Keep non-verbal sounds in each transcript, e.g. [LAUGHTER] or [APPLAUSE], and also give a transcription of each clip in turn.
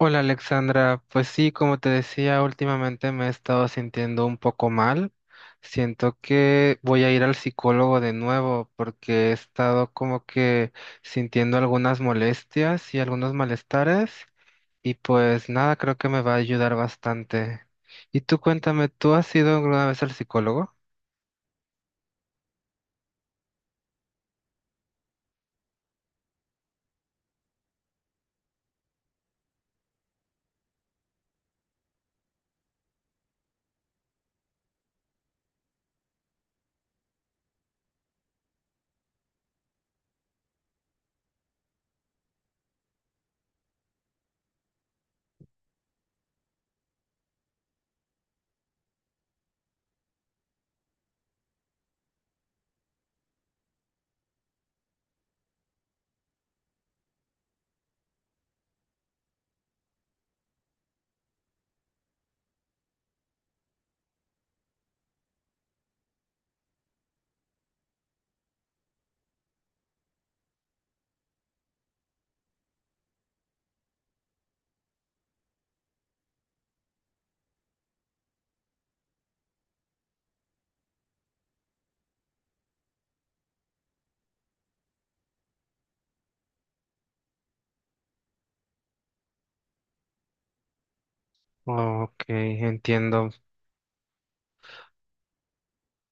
Hola Alexandra, pues sí, como te decía, últimamente me he estado sintiendo un poco mal. Siento que voy a ir al psicólogo de nuevo porque he estado como que sintiendo algunas molestias y algunos malestares y pues nada, creo que me va a ayudar bastante. Y tú cuéntame, ¿tú has ido alguna vez al psicólogo? Ok, entiendo.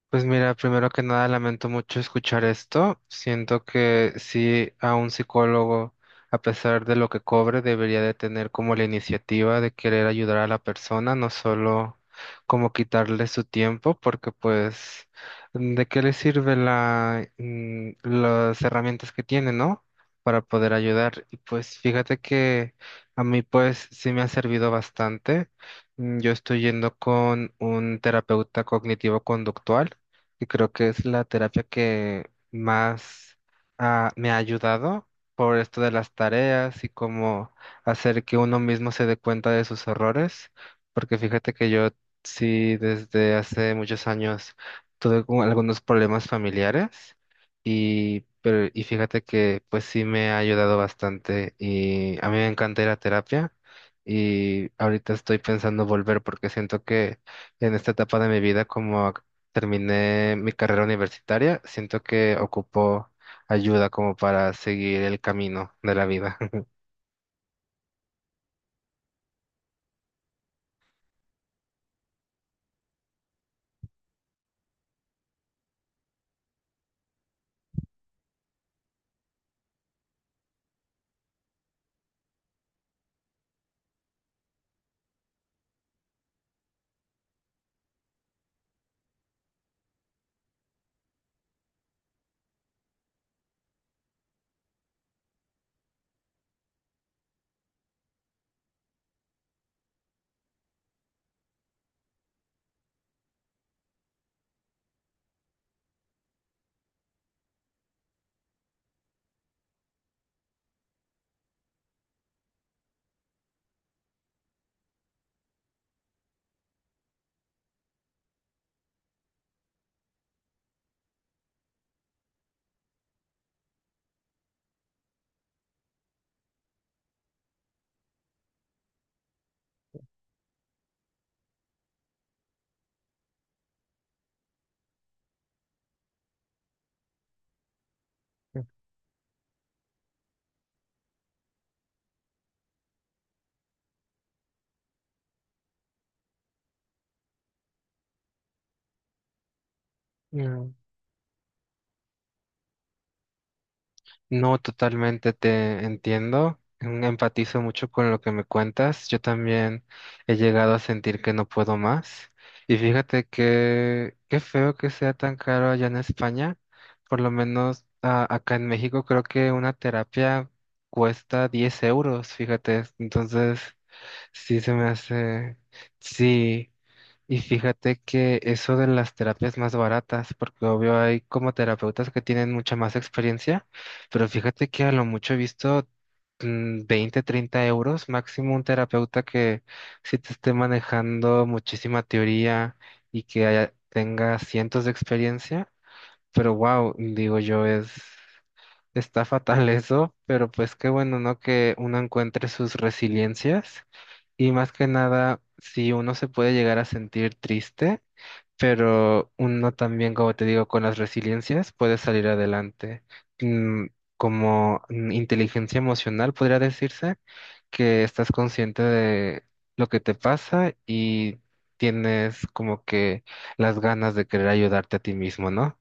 Pues mira, primero que nada lamento mucho escuchar esto. Siento que sí, a un psicólogo, a pesar de lo que cobre, debería de tener como la iniciativa de querer ayudar a la persona, no solo como quitarle su tiempo, porque pues, ¿de qué le sirve la, las herramientas que tiene, ¿no? Para poder ayudar. Y pues fíjate que a mí pues sí me ha servido bastante. Yo estoy yendo con un terapeuta cognitivo-conductual y creo que es la terapia que más me ha ayudado por esto de las tareas y cómo hacer que uno mismo se dé cuenta de sus errores, porque fíjate que yo sí desde hace muchos años tuve como algunos problemas familiares y fíjate que pues sí me ha ayudado bastante y a mí me encanta ir a terapia. Y ahorita estoy pensando volver porque siento que en esta etapa de mi vida como terminé mi carrera universitaria, siento que ocupo ayuda como para seguir el camino de la vida. [LAUGHS] Mm. No, totalmente te entiendo. Empatizo mucho con lo que me cuentas. Yo también he llegado a sentir que no puedo más. Y fíjate que qué feo que sea tan caro allá en España. Por lo menos acá en México creo que una terapia cuesta 10 euros, fíjate. Entonces. Sí, se me hace. Sí, y fíjate que eso de las terapias más baratas, porque obvio hay como terapeutas que tienen mucha más experiencia, pero fíjate que a lo mucho he visto 20, 30 € máximo un terapeuta que sí te esté manejando muchísima teoría y que tenga cientos de experiencia, pero wow, digo yo, es. Está fatal eso, pero pues qué bueno, ¿no? Que uno encuentre sus resiliencias y más que nada, si uno se puede llegar a sentir triste, pero uno también, como te digo, con las resiliencias puede salir adelante. Mm, Como inteligencia emocional, podría decirse, que estás consciente de lo que te pasa y tienes como que las ganas de querer ayudarte a ti mismo, ¿no?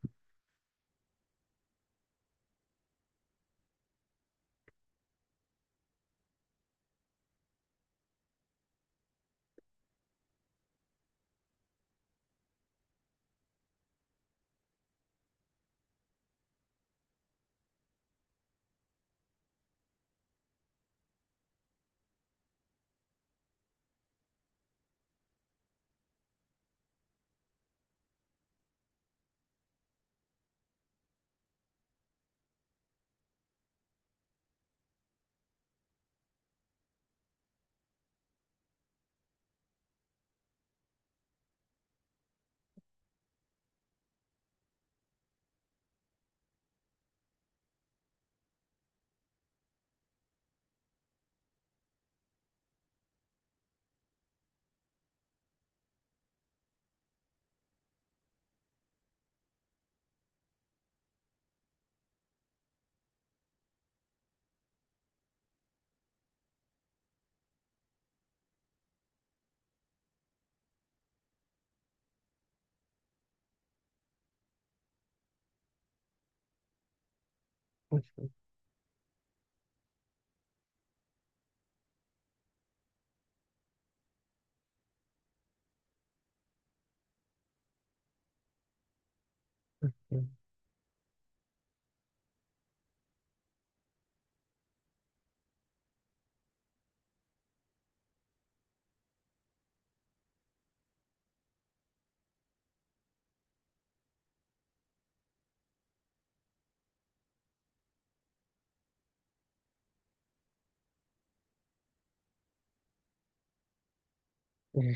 Ujú.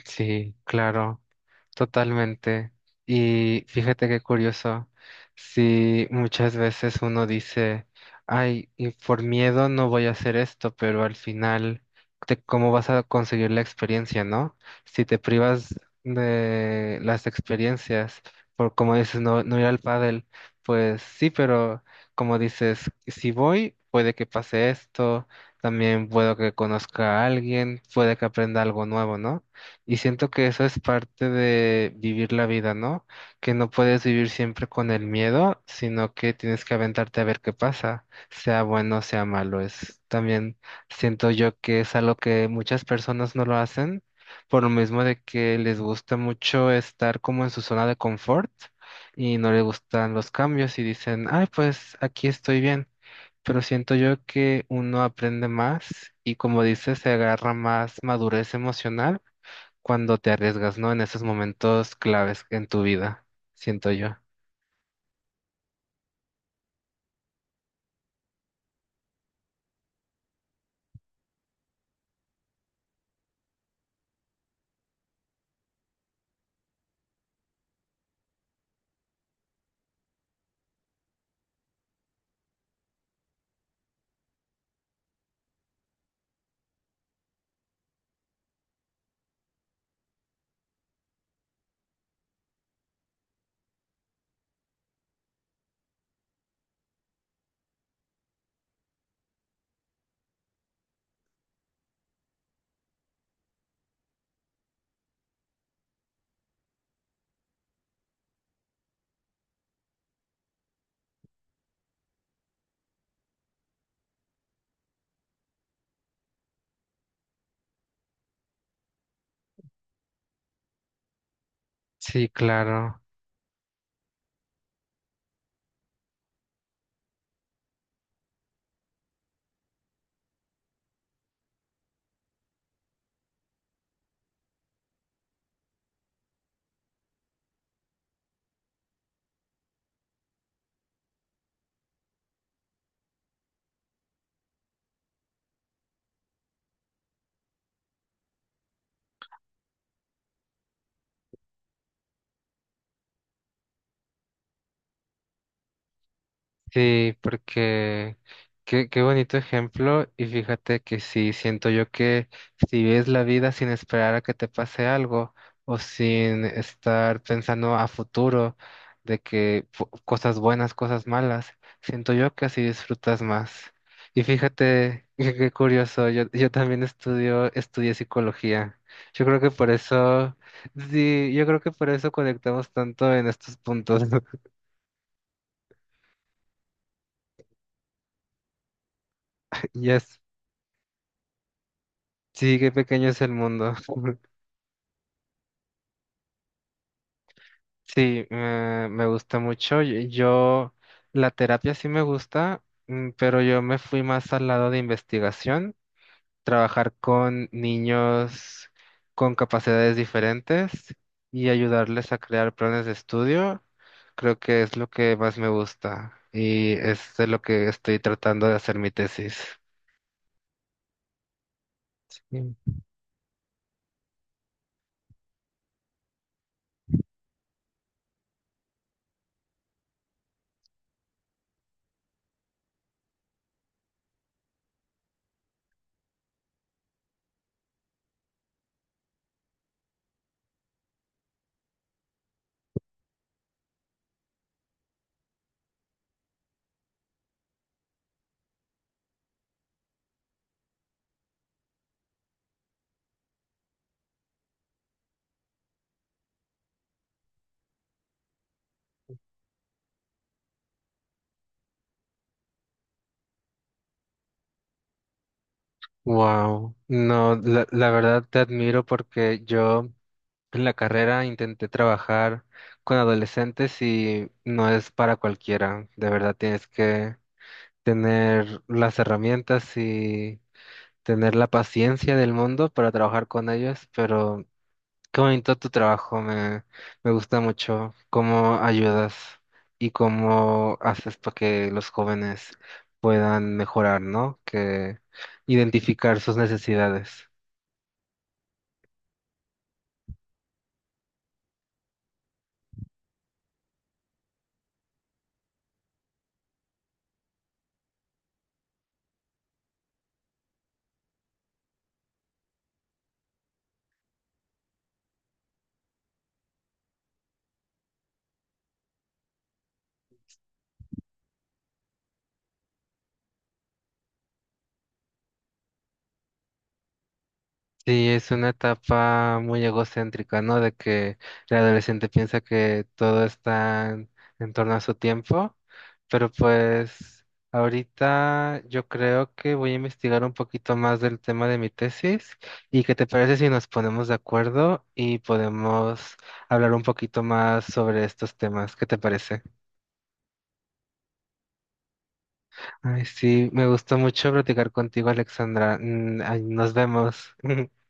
Sí, claro. Totalmente. Y fíjate qué curioso, si muchas veces uno dice, ay, y por miedo no voy a hacer esto, pero al final, ¿cómo vas a conseguir la experiencia, no? Si te privas de las experiencias, por como dices, no ir al pádel, pues sí, pero como dices, si voy, puede que pase esto, también puedo que conozca a alguien, puede que aprenda algo nuevo, ¿no? Y siento que eso es parte de vivir la vida, ¿no? Que no puedes vivir siempre con el miedo, sino que tienes que aventarte a ver qué pasa, sea bueno, sea malo. Es también siento yo que es algo que muchas personas no lo hacen, por lo mismo de que les gusta mucho estar como en su zona de confort y no les gustan los cambios y dicen, ay, pues aquí estoy bien. Pero siento yo que uno aprende más y como dices, se agarra más madurez emocional cuando te arriesgas, ¿no? En esos momentos claves en tu vida, siento yo. Sí, claro. Sí, porque qué, qué bonito ejemplo y fíjate que sí, siento yo que si ves la vida sin esperar a que te pase algo o sin estar pensando a futuro de que cosas buenas, cosas malas, siento yo que así disfrutas más. Y fíjate [LAUGHS] qué, qué curioso, yo también estudié psicología. Yo creo que por eso, sí, yo creo que por eso conectamos tanto en estos puntos. [LAUGHS] Yes. Sí, qué pequeño es el mundo. Sí, me gusta mucho. La terapia sí me gusta, pero yo me fui más al lado de investigación, trabajar con niños con capacidades diferentes y ayudarles a crear planes de estudio. Creo que es lo que más me gusta y es de lo que estoy tratando de hacer mi tesis. Wow, no, la verdad te admiro porque yo en la carrera intenté trabajar con adolescentes y no es para cualquiera. De verdad tienes que tener las herramientas y tener la paciencia del mundo para trabajar con ellos, pero qué bonito tu trabajo, me gusta mucho cómo ayudas y cómo haces para que los jóvenes puedan mejorar, ¿no? Que identificar sus necesidades. Sí, es una etapa muy egocéntrica, ¿no? De que el adolescente piensa que todo está en torno a su tiempo, pero pues ahorita yo creo que voy a investigar un poquito más del tema de mi tesis y qué te parece si nos ponemos de acuerdo y podemos hablar un poquito más sobre estos temas. ¿Qué te parece? Ay, sí, me gustó mucho platicar contigo, Alexandra. Ay, nos vemos. [LAUGHS]